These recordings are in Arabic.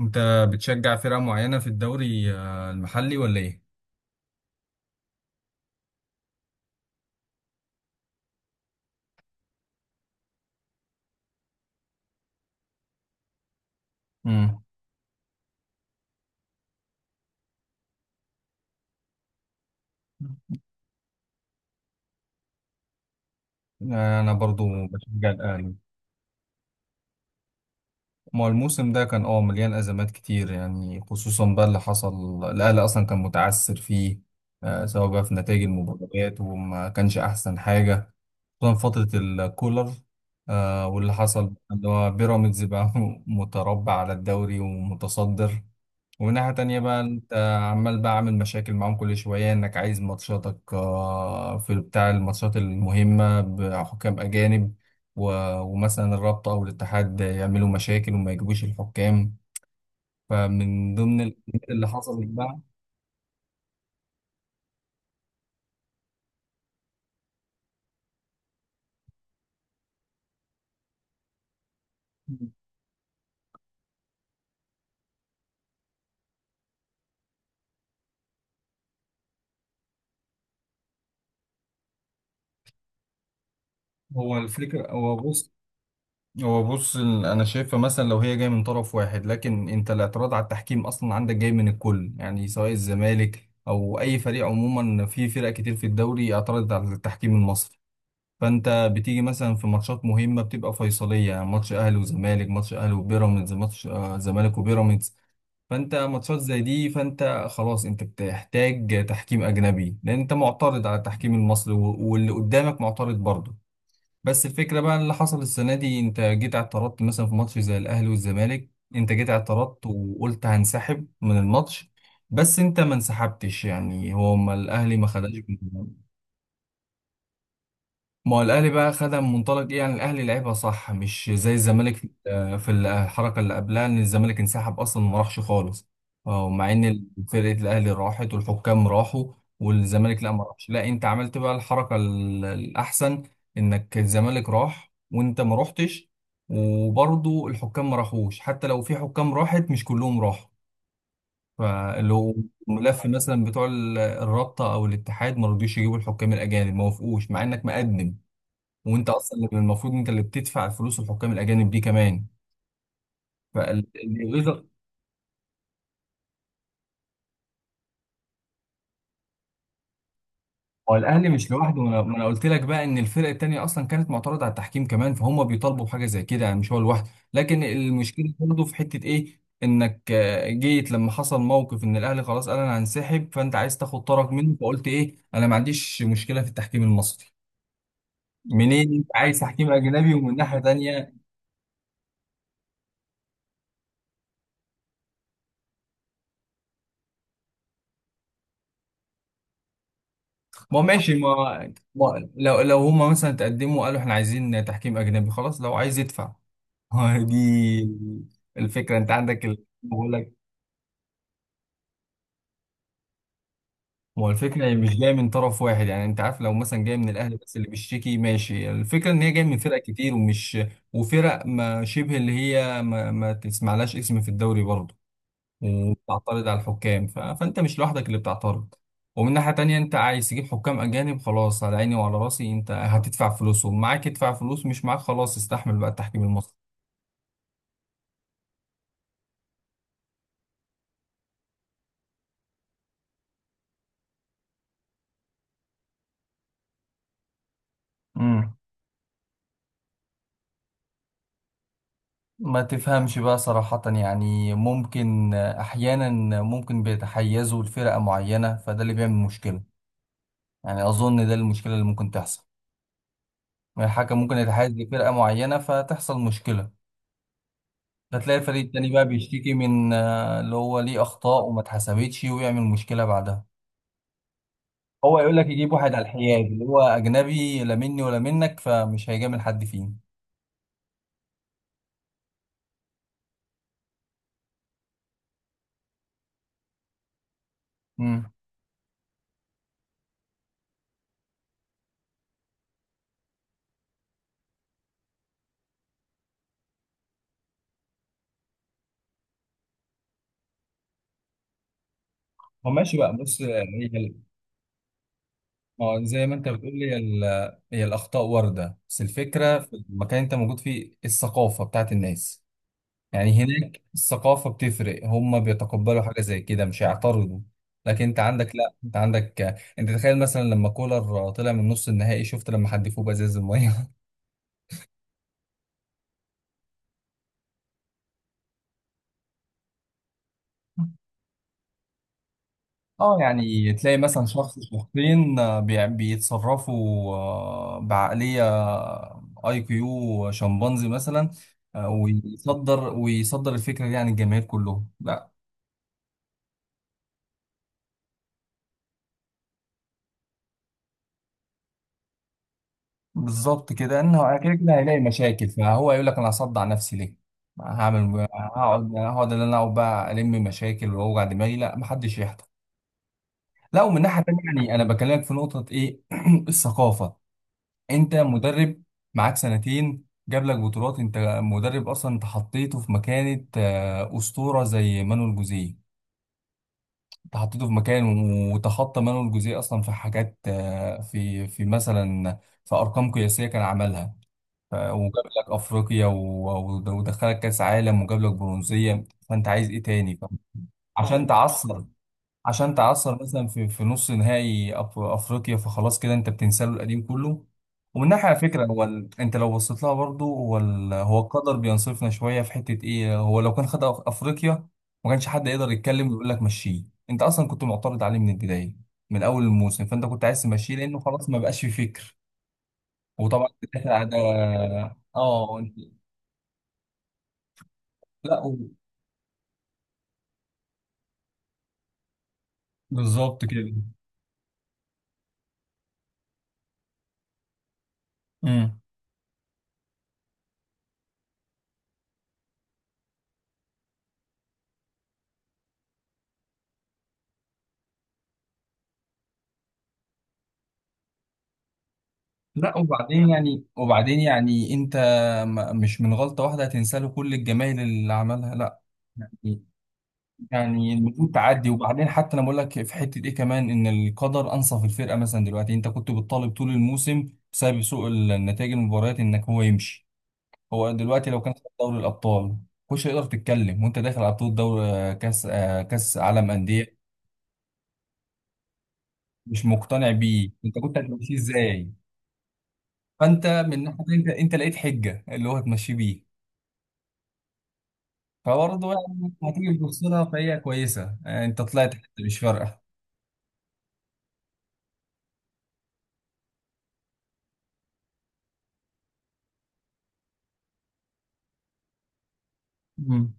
انت بتشجع فرقة معينة في الدوري المحلي ولا ايه؟ امم. انا برضو بشجع الاهلي. ما هو الموسم ده كان مليان ازمات كتير، يعني خصوصا بقى اللي حصل الاهلي اصلا كان متعثر فيه، سواء بقى في نتائج المباريات وما كانش احسن حاجة، خصوصا فترة الكولر، واللي حصل اللي هو بيراميدز بقى متربع على الدوري ومتصدر. ومن ناحية تانية بقى انت عمال بقى عامل مشاكل معاهم كل شوية، انك عايز ماتشاتك في بتاع الماتشات المهمة بحكام أجانب، ومثلا الرابطة أو الاتحاد يعملوا مشاكل وما يجيبوش الحكام. فمن ضمن الحاجات اللي حصلت بقى، هو الفكرة. هو بص، أنا شايفها مثلا لو هي جاية من طرف واحد، لكن أنت الاعتراض على التحكيم أصلا عندك جاي من الكل، يعني سواء الزمالك أو أي فريق. عموما في فرق كتير في الدوري اعترضت على التحكيم المصري. فانت بتيجي مثلا في ماتشات مهمه بتبقى فيصليه، يعني ماتش اهلي وزمالك، ماتش اهلي وبيراميدز، ماتش زمالك وبيراميدز. فانت ماتشات زي دي، فانت خلاص انت بتحتاج تحكيم اجنبي، لان انت معترض على التحكيم المصري، واللي قدامك معترض برضه. بس الفكره بقى اللي حصل السنه دي، انت جيت اعترضت مثلا في ماتش زي الاهلي والزمالك، انت جيت اعترضت وقلت هنسحب من الماتش. بس انت ما انسحبتش، يعني هو ما الاهلي ما خدش. مم. ما هو الاهلي بقى خدها من منطلق ايه؟ يعني الاهلي لعبها صح، مش زي الزمالك في في الحركه اللي قبلها، ان الزمالك انسحب اصلا ما راحش خالص. اه مع ان فرقه الاهلي راحت والحكام راحوا، والزمالك لا ما راحش. لا انت عملت بقى الحركه الاحسن، انك الزمالك راح وانت ما رحتش. وبرضه الحكام ما راحوش، حتى لو في حكام راحت مش كلهم راحوا. فاللي هو ملف مثلا بتوع الرابطه او الاتحاد ما رضيوش يجيبوا الحكام الاجانب، ما وافقوش مع انك مقدم، وانت اصلا اللي المفروض انت اللي بتدفع الفلوس الحكام الاجانب دي كمان. فالوزر. هو الاهلي مش لوحده، ما انا ما أنا قلت لك بقى ان الفرق التانيه اصلا كانت معترضه على التحكيم كمان، فهم بيطالبوا بحاجه زي كده، يعني مش هو لوحده. لكن المشكله برضه في حته ايه، انك جيت لما حصل موقف ان الاهلي خلاص قال انا هنسحب، فانت عايز تاخد طرف منه فقلت ايه، انا ما عنديش مشكله في التحكيم المصري. منين انت عايز تحكيم اجنبي؟ ومن ناحيه تانيه ما ماشي، ما لو هما مثلا تقدموا قالوا احنا عايزين تحكيم اجنبي، خلاص لو عايز يدفع. دي الفكره. انت عندك بقول لك، ما هو الفكره هي مش جايه من طرف واحد. يعني انت عارف لو مثلا جايه من الاهلي بس اللي بيشتكي ماشي، الفكره ان هي جايه من فرق كتير، ومش وفرق ما شبه اللي هي ما تسمعلهاش اسم في الدوري برضه بتعترض على الحكام. فانت مش لوحدك اللي بتعترض. ومن ناحية تانية انت عايز تجيب حكام اجانب، خلاص على عيني وعلى راسي، انت هتدفع فلوسهم، معاك ادفع، فلوس مش معاك خلاص استحمل بقى التحكيم المصري. امم. ما تفهمش بقى صراحة، يعني ممكن أحيانا ممكن بيتحيزوا لفرقة معينة، فده اللي بيعمل مشكلة. يعني أظن ده المشكلة اللي ممكن تحصل. يعني الحكم ممكن يتحيز لفرقة معينة فتحصل مشكلة، فتلاقي الفريق التاني بقى بيشتكي من اللي هو ليه أخطاء وما اتحسبتش ويعمل مشكلة بعدها. هو يقول لك يجيب واحد على الحياد اللي هو اجنبي، لا مني ولا منك، فمش هيجامل حد فيه. امم. هو ماشي بقى، بص ما هو زي ما انت بتقول لي، هي الاخطاء وارده. بس الفكره في المكان اللي انت موجود فيه الثقافه بتاعت الناس. يعني هناك الثقافه بتفرق، هم بيتقبلوا حاجه زي كده مش هيعترضوا. لكن انت عندك لا، انت عندك انت تخيل مثلا لما كولر طلع من نص النهائي، شفت لما حدفوه بازاز الميه. اه يعني تلاقي مثلا شخص شخصين، بيتصرفوا بعقلية IQ شمبانزي مثلا، ويصدر الفكرة دي عن الجماهير كلهم لا. بالظبط كده، انه كده كده هيلاقي مشاكل، فهو يقول لك انا هصدع نفسي ليه؟ هعمل هقعد ان انا اقعد بقى الم مشاكل واوجع دماغي، لا محدش يحضر. لا ومن ناحية تانية يعني انا بكلمك في نقطة ايه الثقافة. انت مدرب معاك سنتين جاب لك بطولات. انت مدرب اصلا، انت حطيته في مكانة اسطورة زي مانويل جوزيه. انت حطيته في مكان وتخطى مانويل جوزيه اصلا في حاجات، في مثلا في ارقام قياسية كان عملها. وجاب لك افريقيا و- و- ودخلك كاس عالم وجاب لك برونزية. فانت عايز ايه تاني عشان تعصر، عشان تعثر مثلا في نص نهائي افريقيا؟ فخلاص كده انت بتنسى له القديم كله. ومن ناحيه على فكره هو انت لو بصيت لها برضه، هو هو القدر بينصفنا شويه في حته ايه. هو لو كان خد افريقيا ما كانش حد يقدر يتكلم ويقول لك مشيه. انت اصلا كنت معترض عليه من البدايه من اول الموسم، فانت كنت عايز تمشيه لانه خلاص ما بقاش في فكر. وطبعا داخل على. اه. لا بالظبط كده. امم. لا وبعدين يعني انت مش من غلطة واحدة هتنسى له كل الجمايل اللي عملها لا. يعني يعني المفروض تعدي. وبعدين حتى انا بقول لك في حتة ايه كمان، ان القدر انصف الفرقة مثلا دلوقتي. انت كنت بتطالب طول الموسم بسبب سوء النتائج المباريات انك هو يمشي. هو دلوقتي لو كان خد دوري الابطال مش هيقدر تتكلم، وانت داخل على بطولة دوري، كاس، كاس عالم أندية، مش مقتنع بيه. انت كنت هتمشيه ازاي؟ فانت من ناحية انت انت لقيت حجة اللي هو هتمشيه بيه. فبرضه يعني هتيجي بتخسرها، فهي كويسة. يعني انت طلعت حتى مش فارقة. مم.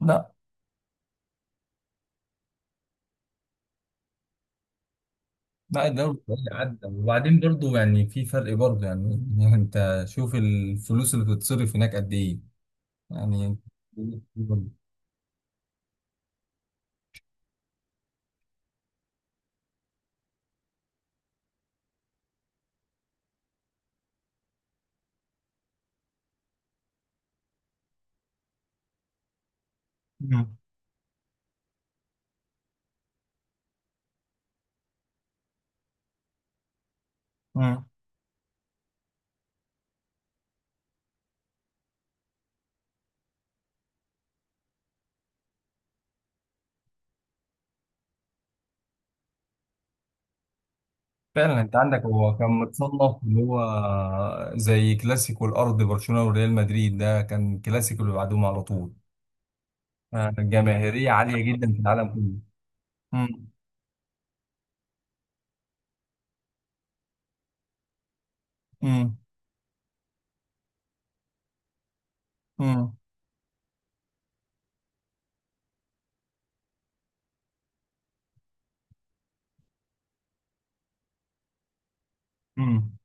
لا، لا الدوري السعودي عدى. وبعدين برضه يعني في فرق برضه يعني، يعني انت شوف الفلوس اللي بتتصرف هناك قد ايه. يعني. مم. مم. فعلا انت عندك هو كان متصنف اللي هو زي كلاسيكو الارض، برشلونة وريال مدريد. ده كان كلاسيكو اللي بعدهم على طول، جماهيرية عالية جدا في العالم كله. مم. مم. مم. مم.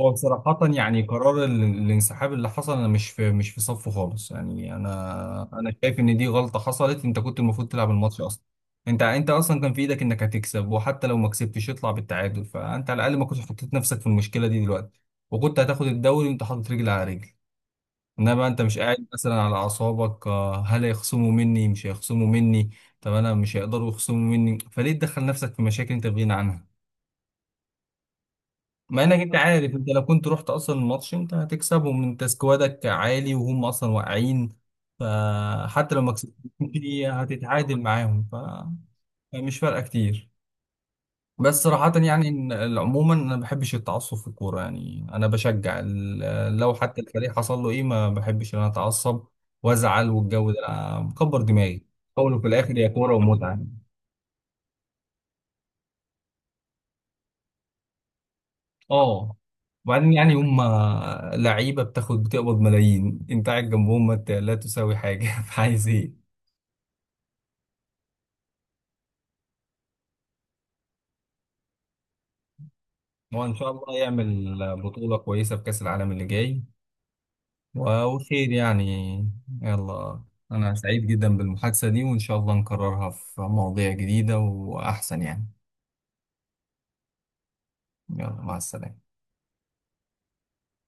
هو بصراحة يعني قرار الانسحاب اللي حصل انا مش في مش في صفه خالص. يعني انا انا شايف ان دي غلطة حصلت، انت كنت المفروض تلعب الماتش اصلا. انت انت اصلا كان في ايدك انك هتكسب، وحتى لو ما كسبتش يطلع بالتعادل، فانت على الاقل ما كنتش حطيت نفسك في المشكلة دي دلوقتي، وكنت هتاخد الدوري وانت حاطط رجل على رجل. انما انت مش قاعد مثلا على اعصابك، هل هيخصموا مني مش هيخصموا مني. طب انا مش هيقدروا يخصموا مني فليه تدخل نفسك في مشاكل انت في غنى عنها؟ مع انك انت عارف انت لو كنت رحت اصلا الماتش انت هتكسبهم، انت سكوادك عالي وهم اصلا واقعين. فحتى لو ما كسبتش هتتعادل معاهم. فمش فارقه كتير. بس صراحة يعني عموما انا ما بحبش التعصب في الكورة. يعني انا بشجع لو حتى الفريق حصل له ايه، ما بحبش ان انا اتعصب وازعل، والجو ده أنا مكبر دماغي في الاول وفي الاخر هي كورة ومتعة. اه وبعدين يعني هم لعيبه بتاخد بتقبض ملايين، انت قاعد جنبهم ما انت لا تساوي حاجه فعايز ايه؟ هو ان شاء الله يعمل بطوله كويسه في كاس العالم اللي جاي، وخير يعني. يلا. انا سعيد جدا بالمحادثه دي وان شاء الله نكررها في مواضيع جديده واحسن يعني. يلا مع السلامه.